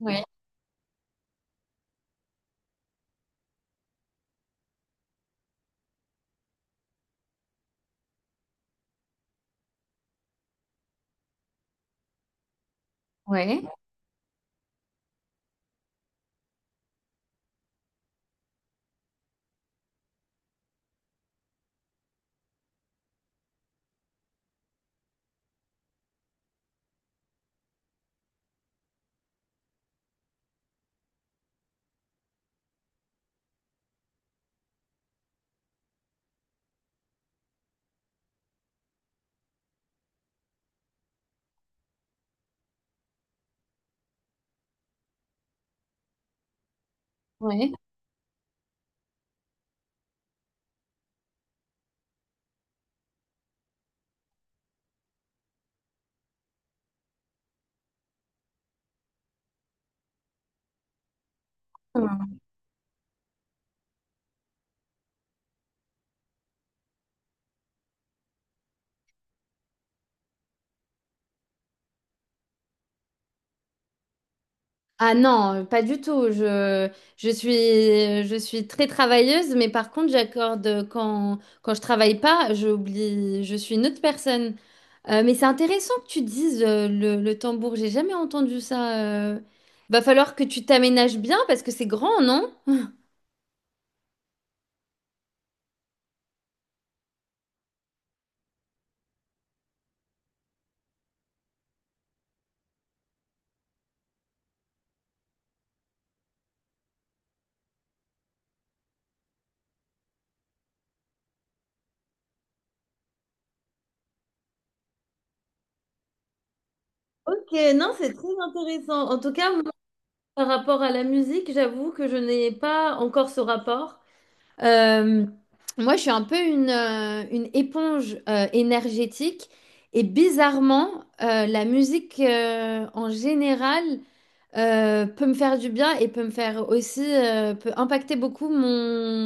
Ouais, ouais, ouais. Hum. Ah non, pas du tout. Je suis très travailleuse, mais par contre, j'accorde quand je travaille pas, j'oublie, je suis une autre personne. Mais c'est intéressant que tu dises le tambour. J'ai jamais entendu ça. euh. Va falloir que tu t'aménages bien parce que c'est grand, non? Mais non, c'est très intéressant. En tout cas, moi, par rapport à la musique, j'avoue que je n'ai pas encore ce rapport. Euh, Moi, je suis un peu une éponge énergétique et bizarrement, la musique en général peut me faire du bien et peut me faire aussi, peut impacter beaucoup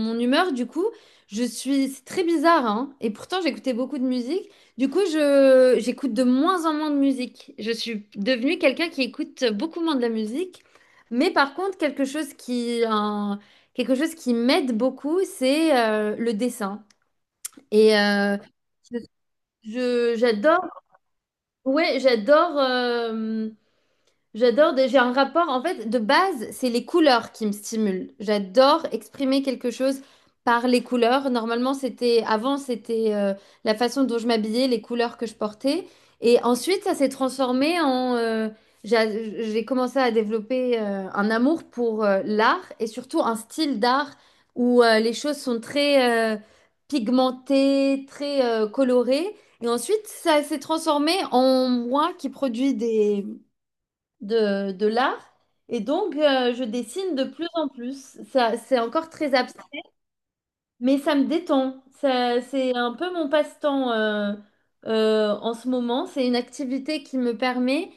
mon humeur. Du coup, je suis, c'est très bizarre, hein, et pourtant j'écoutais beaucoup de musique. Du coup, j'écoute de moins en moins de musique. Je suis devenue quelqu'un qui écoute beaucoup moins de la musique. Mais par contre, quelque chose qui m'aide beaucoup, c'est le dessin. Et euh, je, je- j'adore, ouais, j'adore. J'ai un rapport, en fait, de base, c'est les couleurs qui me stimulent. J'adore exprimer quelque chose par les couleurs. Normalement, avant, c'était la façon dont je m'habillais, les couleurs que je portais. Et ensuite, ça s'est transformé en... j'ai commencé à développer un amour pour l'art et surtout un style d'art où les choses sont très pigmentées, très colorées. Et ensuite, ça s'est transformé en moi qui produit des de l'art. Et donc, je dessine de plus en plus. Ça, c'est encore très abstrait. Mais ça me détend. Ça, c'est un peu mon passe-temps en ce moment. C'est une activité qui me permet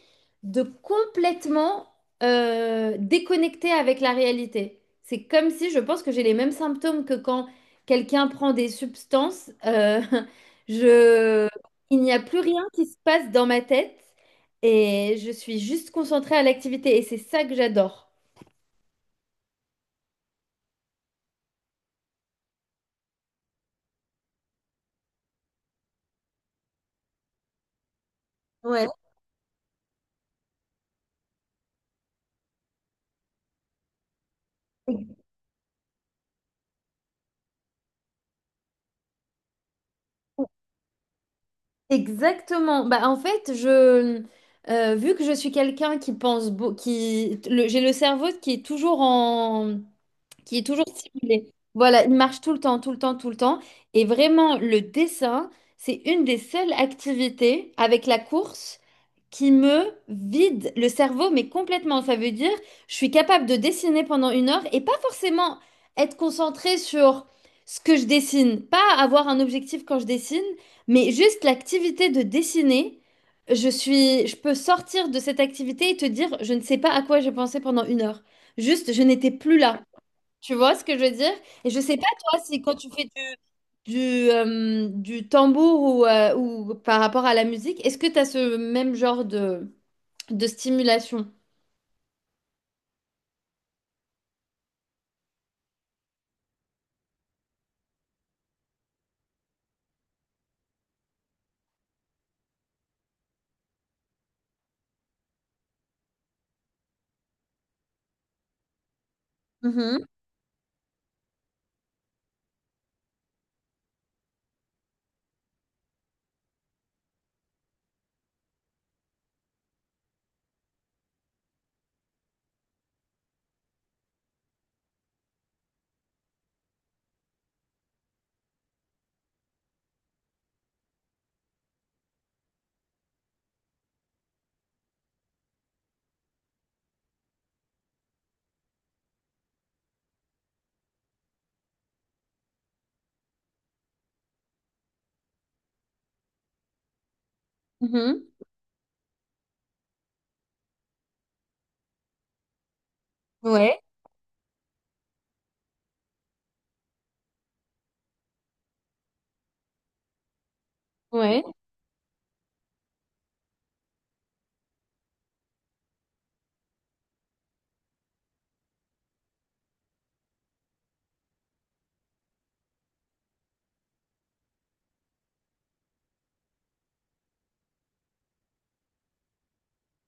de complètement déconnecter avec la réalité. C'est comme si je pense que j'ai les mêmes symptômes que quand quelqu'un prend des substances. Je, il n'y a plus rien qui se passe dans ma tête et je suis juste concentrée à l'activité et c'est ça que j'adore. Ouais. Exactement. Bah, en fait, vu que je suis quelqu'un qui pense, beau- qui, le- j'ai le cerveau qui est toujours stimulé. Voilà, il marche tout le temps, tout le temps, tout le temps. Et vraiment, le dessin, c'est une des seules activités avec la course qui me vide le cerveau, mais complètement. Ça veut dire, je suis capable de dessiner pendant une heure et pas forcément être concentrée sur ce que je dessine, pas avoir un objectif quand je dessine, mais juste l'activité de dessiner. Je peux sortir de cette activité et te dire, je ne sais pas à quoi j'ai pensé pendant une heure. Juste, je n'étais plus là. Tu vois ce que je veux dire? Et je sais pas toi si quand tu fais du tambour ou par rapport à la musique, est-ce que tu as ce même genre de stimulation? Mhm, mhm. Ouais, ouais,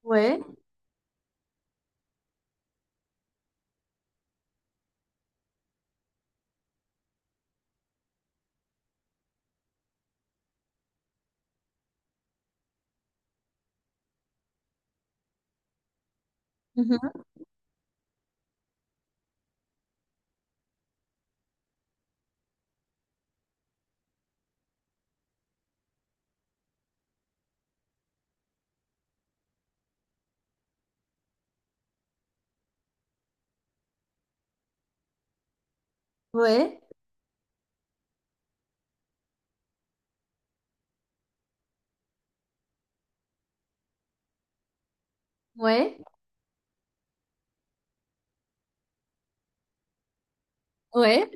ouais, mhm, ouais, ouais, ouais.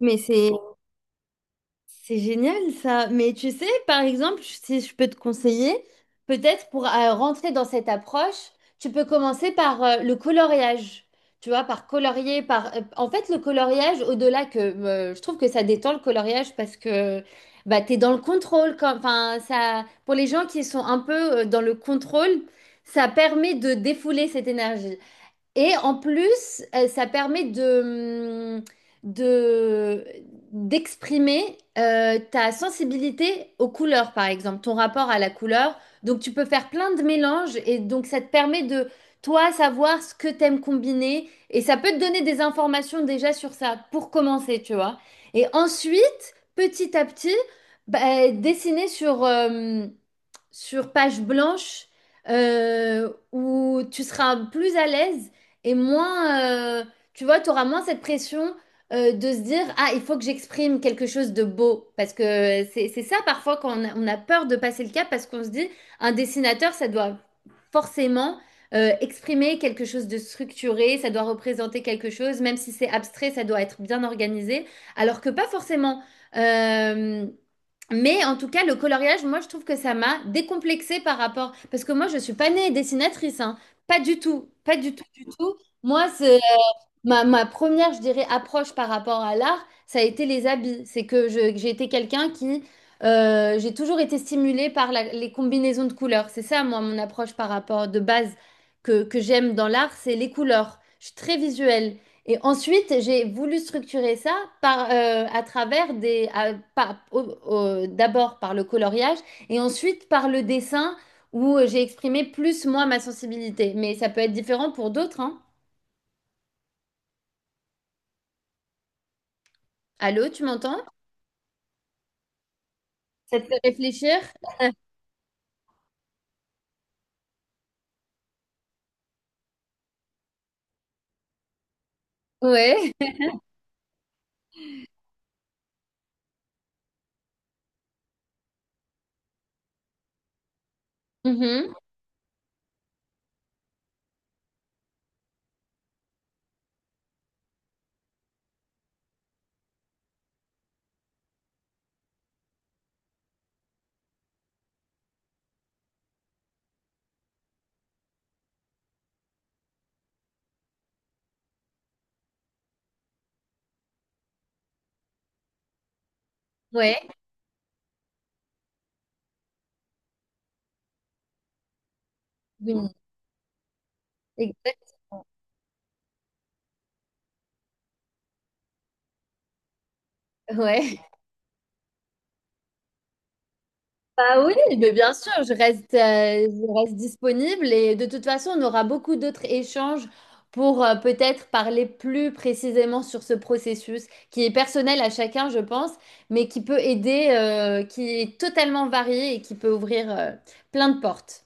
Mais c'est... C'est génial ça, mais tu sais, par exemple, si je peux te conseiller, peut-être pour rentrer dans cette approche, tu peux commencer par le coloriage. Tu vois, par colorier, par... en fait, le coloriage, au-delà que je trouve que ça détend le coloriage parce que bah, tu es dans le contrôle. Quand... Enfin, ça... Pour les gens qui sont un peu dans le contrôle, ça permet de défouler cette énergie. Et en plus, ça permet mm, de, d'exprimer ta sensibilité aux couleurs, par exemple, ton rapport à la couleur. Donc, tu peux faire plein de mélanges et donc, ça te permet de, toi, savoir ce que t'aimes combiner. Et ça peut te donner des informations déjà sur ça pour commencer, tu vois. Et ensuite, petit à petit, bah, dessiner sur... sur page blanche où tu seras plus à l'aise et moins, tu vois, tu auras moins cette pression de se dire, ah, il faut que j'exprime quelque chose de beau. Parce que c'est ça parfois quand on on a peur de passer le cap parce qu'on se dit, un dessinateur, ça doit forcément exprimer quelque chose de structuré, ça doit représenter quelque chose, même si c'est abstrait, ça doit être bien organisé, alors que pas forcément. Euh, mais en tout cas, le coloriage, moi, je trouve que ça m'a décomplexée par rapport. Parce que moi, je ne suis pas née dessinatrice, hein. Pas du tout. Pas du tout, du tout. Moi, c'est ma première, je dirais, approche par rapport à l'art, ça a été les habits. C'est que j'ai été quelqu'un qui, j'ai toujours été stimulée par les combinaisons de couleurs. C'est ça, moi, mon approche par rapport de base que j'aime dans l'art, c'est les couleurs. Je suis très visuelle. Et ensuite, j'ai voulu structurer ça à travers des, à- par- au- au- d'abord par le coloriage et ensuite par le dessin où j'ai exprimé plus, moi, ma sensibilité. Mais ça peut être différent pour d'autres, hein. Allô, tu m'entends? Ça te fait réfléchir? Ouais. Mhm. Ouais. Oui. Exactement. Ouais. Bah oui, mais bien sûr, je reste disponible et de toute façon, on aura beaucoup d'autres échanges pour peut-être parler plus précisément sur ce processus qui est personnel à chacun, je pense, mais qui peut aider, qui est totalement varié et qui peut ouvrir, plein de portes.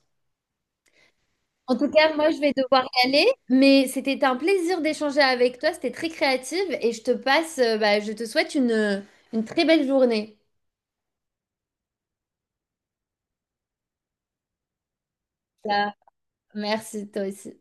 En tout cas, moi, je vais devoir y aller, mais c'était un plaisir d'échanger avec toi. C'était très créative, et je te passe, bah, je te souhaite une très belle journée. Ah, merci, toi aussi.